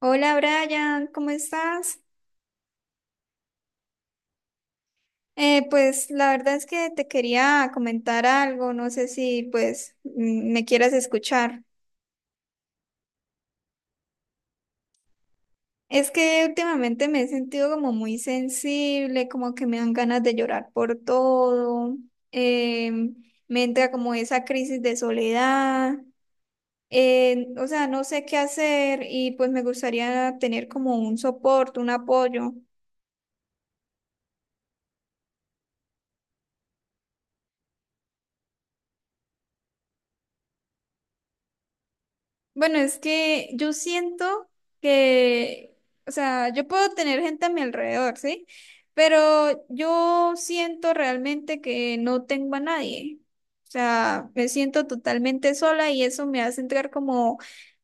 Hola Brian, ¿cómo estás? Pues la verdad es que te quería comentar algo, no sé si pues me quieras escuchar. Es que últimamente me he sentido como muy sensible, como que me dan ganas de llorar por todo, em, me entra como esa crisis de soledad, o sea, no sé qué hacer y pues me gustaría tener como un soporte, un apoyo. Bueno, es que yo siento que, o sea, yo puedo tener gente a mi alrededor, ¿sí? Pero yo siento realmente que no tengo a nadie. O sea, me siento totalmente sola y eso me hace entrar como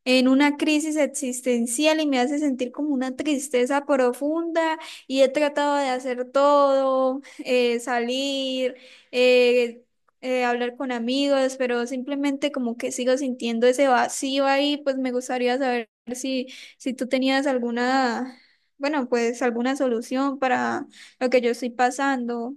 en una crisis existencial y me hace sentir como una tristeza profunda y he tratado de hacer todo, salir, eh, hablar con amigos, pero simplemente como que sigo sintiendo ese vacío ahí, pues me gustaría saber si, si tú tenías alguna, bueno, pues alguna solución para lo que yo estoy pasando.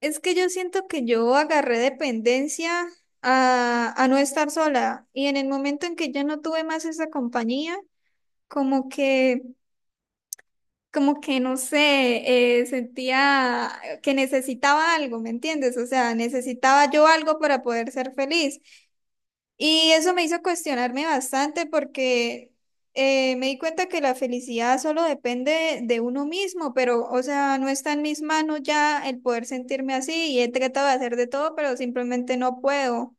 Es que yo siento que yo agarré dependencia a no estar sola y en el momento en que yo no tuve más esa compañía, como que... Como que no sé, sentía que necesitaba algo, ¿me entiendes? O sea, necesitaba yo algo para poder ser feliz. Y eso me hizo cuestionarme bastante porque me di cuenta que la felicidad solo depende de uno mismo, pero, o sea, no está en mis manos ya el poder sentirme así y he tratado de hacer de todo, pero simplemente no puedo.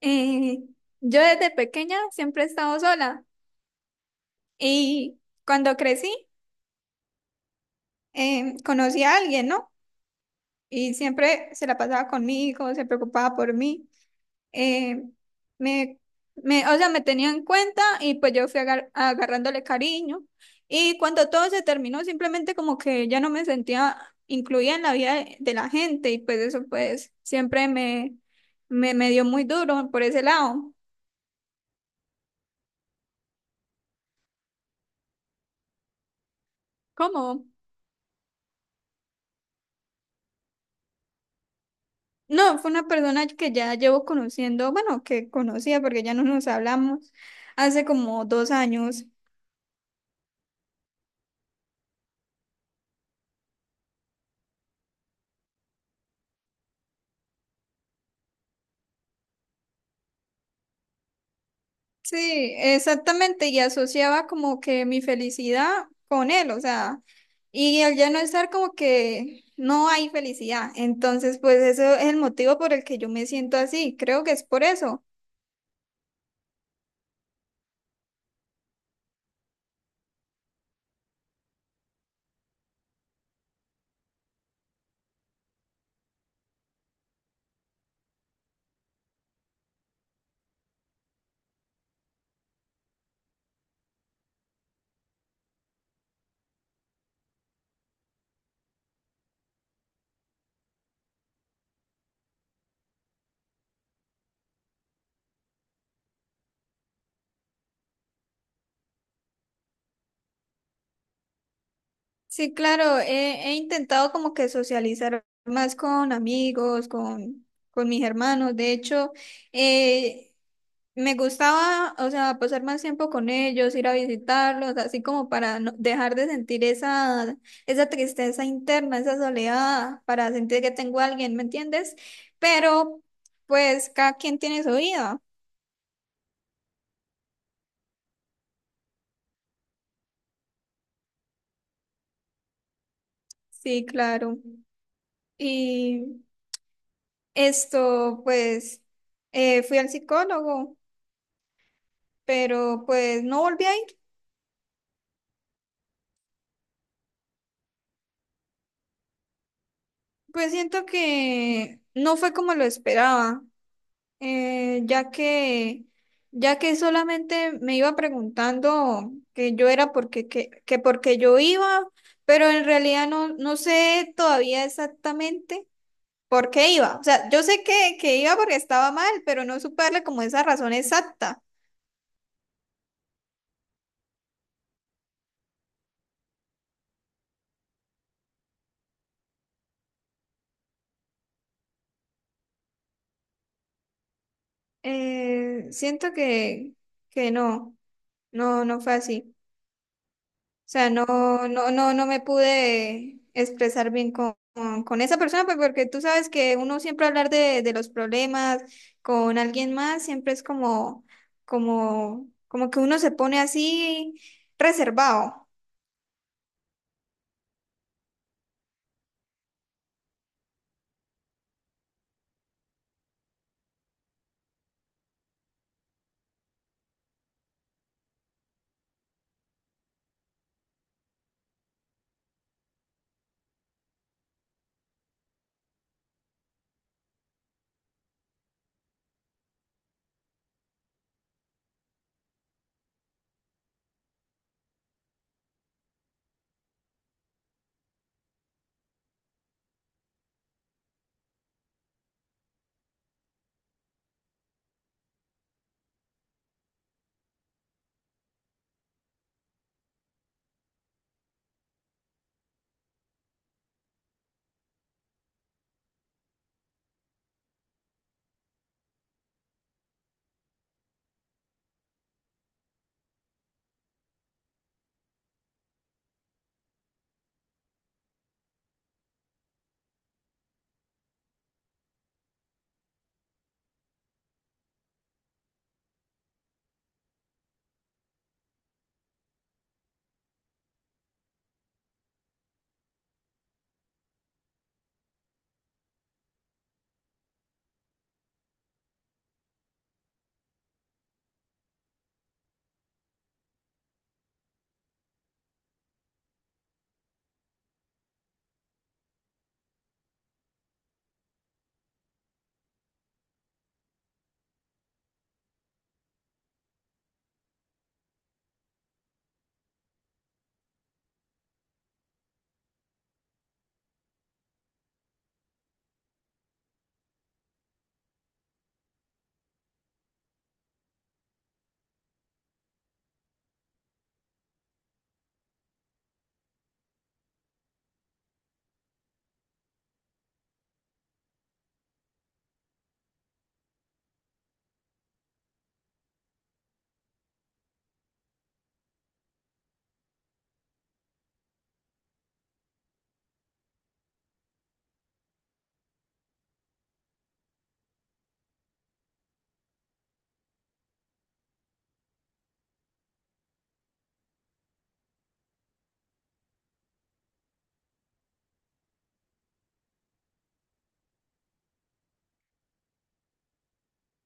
Eh, yo desde pequeña siempre he estado sola y cuando crecí conocí a alguien, ¿no? Y siempre se la pasaba conmigo, se preocupaba por mí. eh, me, o sea, me tenía en cuenta y pues yo fui agarrándole cariño. Y cuando todo se terminó, simplemente como que ya no me sentía incluida en la vida de la gente y pues eso pues siempre me dio muy duro por ese lado. ¿Cómo? No, fue una persona que ya llevo conociendo, bueno, que conocía porque ya no nos hablamos hace como 2 años. Sí, exactamente, y asociaba como que mi felicidad con él, o sea, y al ya no estar como que no hay felicidad, entonces pues eso es el motivo por el que yo me siento así, creo que es por eso. Sí, claro, he intentado como que socializar más con amigos, con mis hermanos. De hecho, eh, me gustaba, o sea, pasar más tiempo con ellos, ir a visitarlos, así como para dejar de sentir esa tristeza interna, esa soledad, para sentir que tengo a alguien, ¿me entiendes? Pero, pues, cada quien tiene su vida. Sí, claro. Y esto, pues, fui al psicólogo. Pero pues no volví a ir. Pues siento que no fue como lo esperaba, ya ya que solamente me iba preguntando que yo era porque, que porque yo iba, pero en realidad no sé todavía exactamente por qué iba. O sea, yo sé que iba porque estaba mal, pero no supe darle como esa razón exacta. Siento que no, no, no fue así. O sea, no me pude expresar bien con esa persona, pues, porque tú sabes que uno siempre hablar de los problemas con alguien más, siempre es como, como que uno se pone así reservado.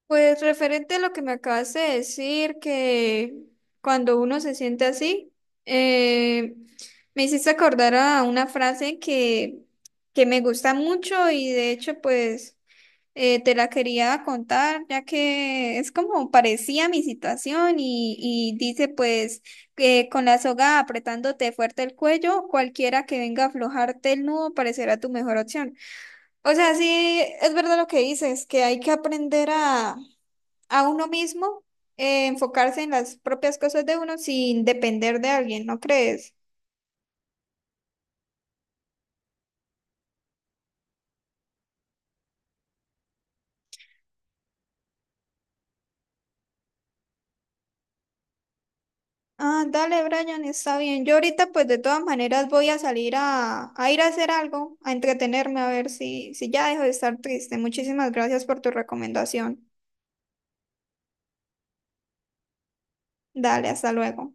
Pues referente a lo que me acabas de decir, que cuando uno se siente así, eh, me hiciste acordar a una frase que me gusta mucho y de hecho, pues... Te la quería contar, ya que es como parecía mi situación y dice pues que con la soga apretándote fuerte el cuello, cualquiera que venga a aflojarte el nudo parecerá tu mejor opción. O sea, sí, es verdad lo que dices, que hay que aprender a uno mismo, enfocarse en las propias cosas de uno sin depender de alguien, ¿no crees? Ah, dale, Brian, está bien. Yo ahorita, pues de todas maneras, voy a salir a ir a hacer algo, a entretenerme, a ver si ya dejo de estar triste. Muchísimas gracias por tu recomendación. Dale, hasta luego.